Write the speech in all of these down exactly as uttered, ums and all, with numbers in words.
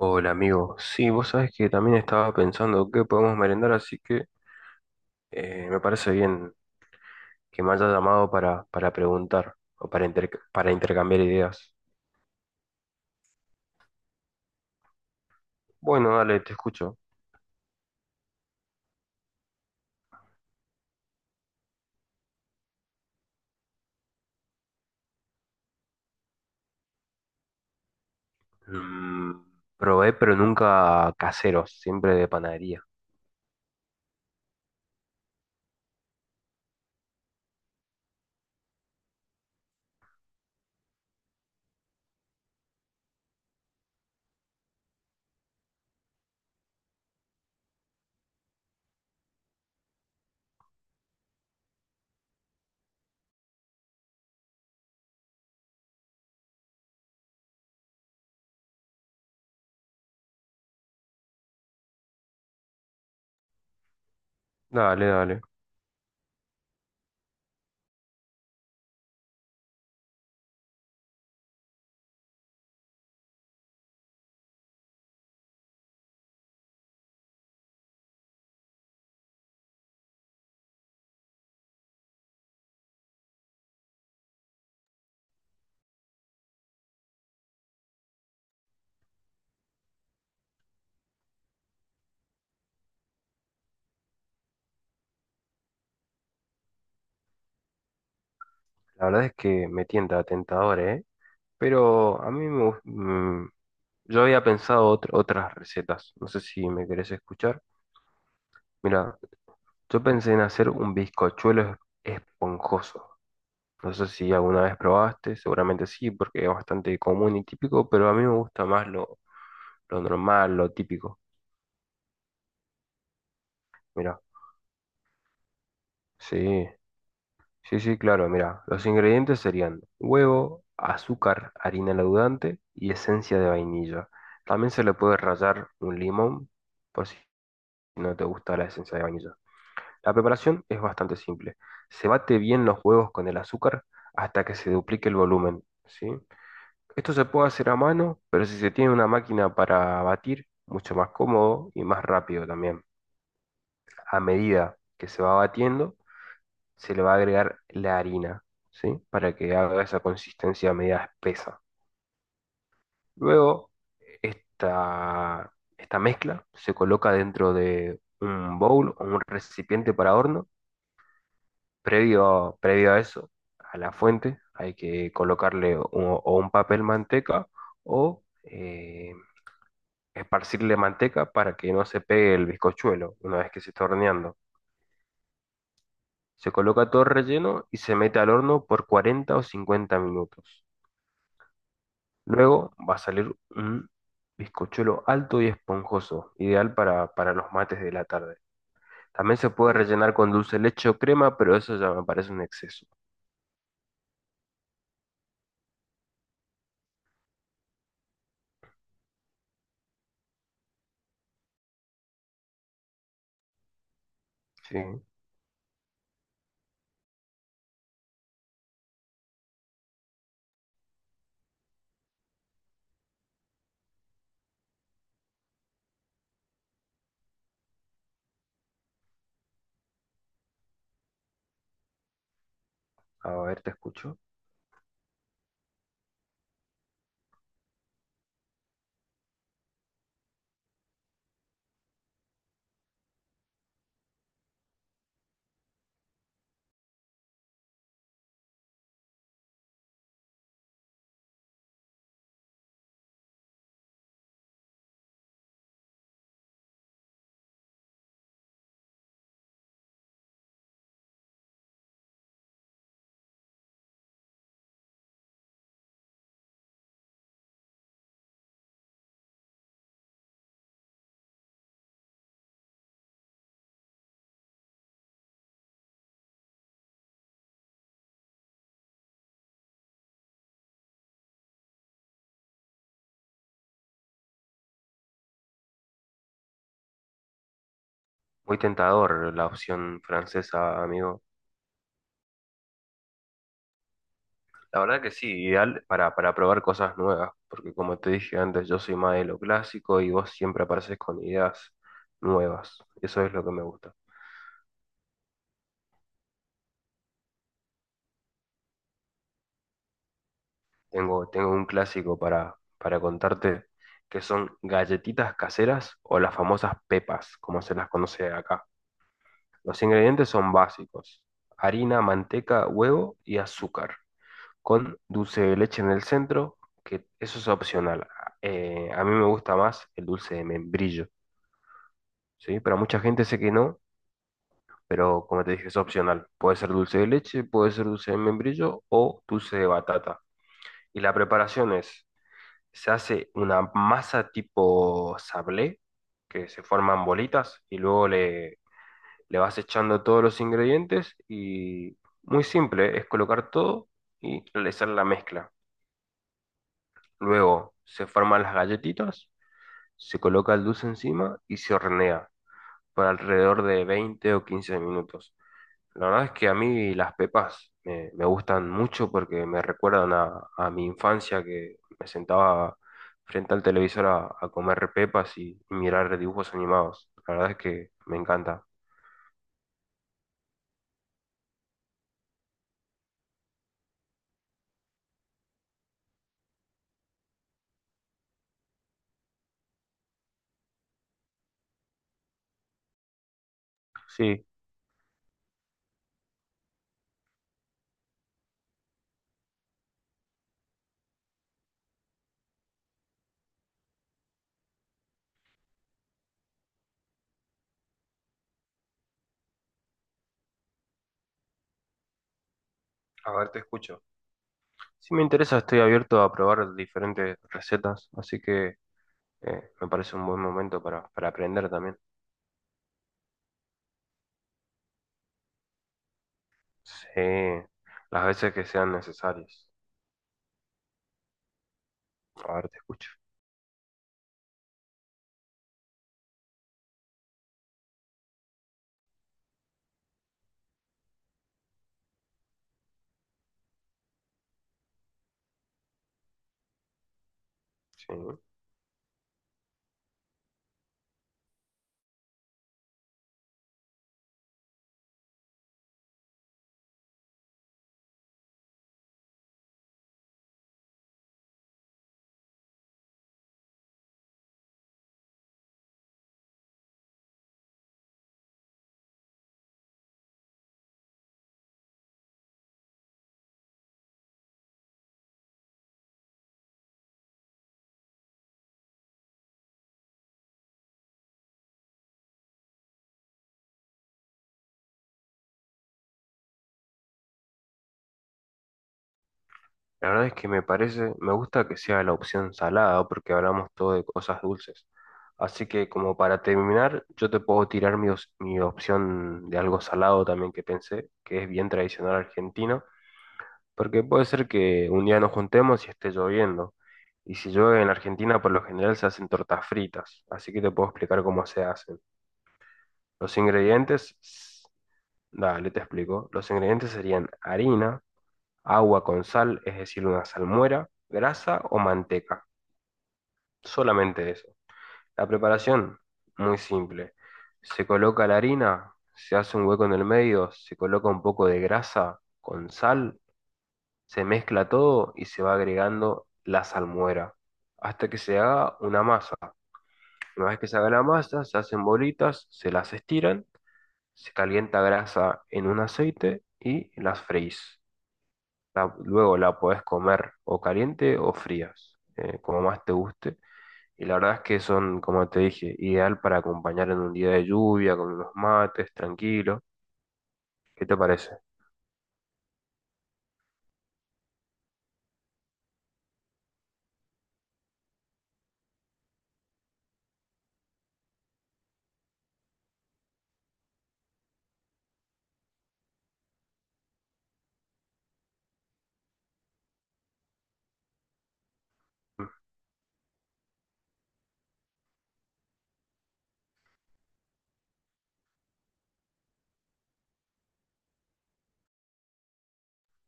Hola amigo, sí, vos sabés que también estaba pensando qué podemos merendar, así que eh, me parece bien que me haya llamado para, para preguntar o para, interc- para intercambiar ideas. Bueno, dale, te escucho. Mm, probé, pero nunca caseros, siempre de panadería. Dale, dale. La verdad es que me tienta tentador, ¿eh? Pero a mí me, gus- mm, yo había pensado otr- otras recetas. No sé si me querés escuchar. Mira, yo pensé en hacer un bizcochuelo esponjoso. No sé si alguna vez probaste, seguramente sí, porque es bastante común y típico, pero a mí me gusta más lo, lo normal, lo típico. Mira, sí, sí, sí, claro, mira, los ingredientes serían huevo, azúcar, harina leudante y esencia de vainilla. También se le puede rallar un limón por si no te gusta la esencia de vainilla. La preparación es bastante simple. Se bate bien los huevos con el azúcar hasta que se duplique el volumen, ¿sí? Esto se puede hacer a mano, pero si se tiene una máquina para batir, mucho más cómodo y más rápido también. A medida que se va batiendo, se le va a agregar la harina, ¿sí? Para que haga esa consistencia media espesa. Luego, esta, esta mezcla se coloca dentro de un bowl o un recipiente para horno. Previo, previo a eso, a la fuente, hay que colocarle un- o un papel manteca o... eh, esparcirle manteca para que no se pegue el bizcochuelo una vez que se está horneando. Se coloca todo relleno y se mete al horno por cuarenta o cincuenta minutos. Luego va a salir un bizcochuelo alto y esponjoso, ideal para, para los mates de la tarde. También se puede rellenar con dulce de leche o crema, pero eso ya me parece un exceso. Sí, a ver, te escucho. Muy tentador la opción francesa, amigo. La verdad que sí, ideal para, para probar cosas nuevas, porque como te dije antes, yo soy más de lo clásico y vos siempre apareces con ideas nuevas. Eso es lo que me gusta. Tengo, tengo un clásico para, para contarte que son galletitas caseras o las famosas pepas, como se las conoce acá. Los ingredientes son básicos: harina, manteca, huevo y azúcar, con dulce de leche en el centro, que eso es opcional. Eh, a mí me gusta más el dulce de membrillo. ¿Sí? Pero mucha gente sé que no, pero como te dije, es opcional. Puede ser dulce de leche, puede ser dulce de membrillo o dulce de batata. Y la preparación es, se hace una masa tipo sablé, que se forman bolitas y luego le, le vas echando todos los ingredientes y muy simple, es colocar todo y realizar la mezcla. Luego se forman las galletitas, se coloca el dulce encima y se hornea por alrededor de veinte o quince minutos. La verdad es que a mí las pepas me, me gustan mucho porque me recuerdan a, a mi infancia que me sentaba frente al televisor a, a comer pepas y, y mirar dibujos animados. La verdad es que me encanta. Sí, a ver, te escucho. Si me interesa, estoy abierto a probar diferentes recetas, así que eh, me parece un buen momento para, para aprender también. Sí, las veces que sean necesarias. A ver, te escucho. Sí. La verdad es que me parece, me gusta que sea la opción salada porque hablamos todo de cosas dulces. Así que como para terminar, yo te puedo tirar mi, os- mi opción de algo salado también que pensé, que es bien tradicional argentino, porque puede ser que un día nos juntemos y esté lloviendo. Y si llueve en Argentina, por lo general se hacen tortas fritas, así que te puedo explicar cómo se hacen. Los ingredientes, s- Dale, te explico. Los ingredientes serían harina, agua con sal, es decir, una salmuera, grasa o manteca. Solamente eso. La preparación, muy simple. Se coloca la harina, se hace un hueco en el medio, se coloca un poco de grasa con sal, se mezcla todo y se va agregando la salmuera hasta que se haga una masa. Una vez que se haga la masa, se hacen bolitas, se las estiran, se calienta grasa en un aceite y las freís. La- luego la podés comer o caliente o frías, eh, como más te guste. Y la verdad es que son, como te dije, ideal para acompañar en un día de lluvia, con unos mates, tranquilo. ¿Qué te parece? Mm,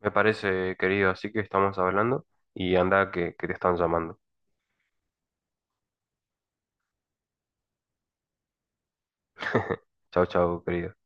me parece, querido, así que estamos hablando y anda que, que te están llamando. Chao, chao, querido.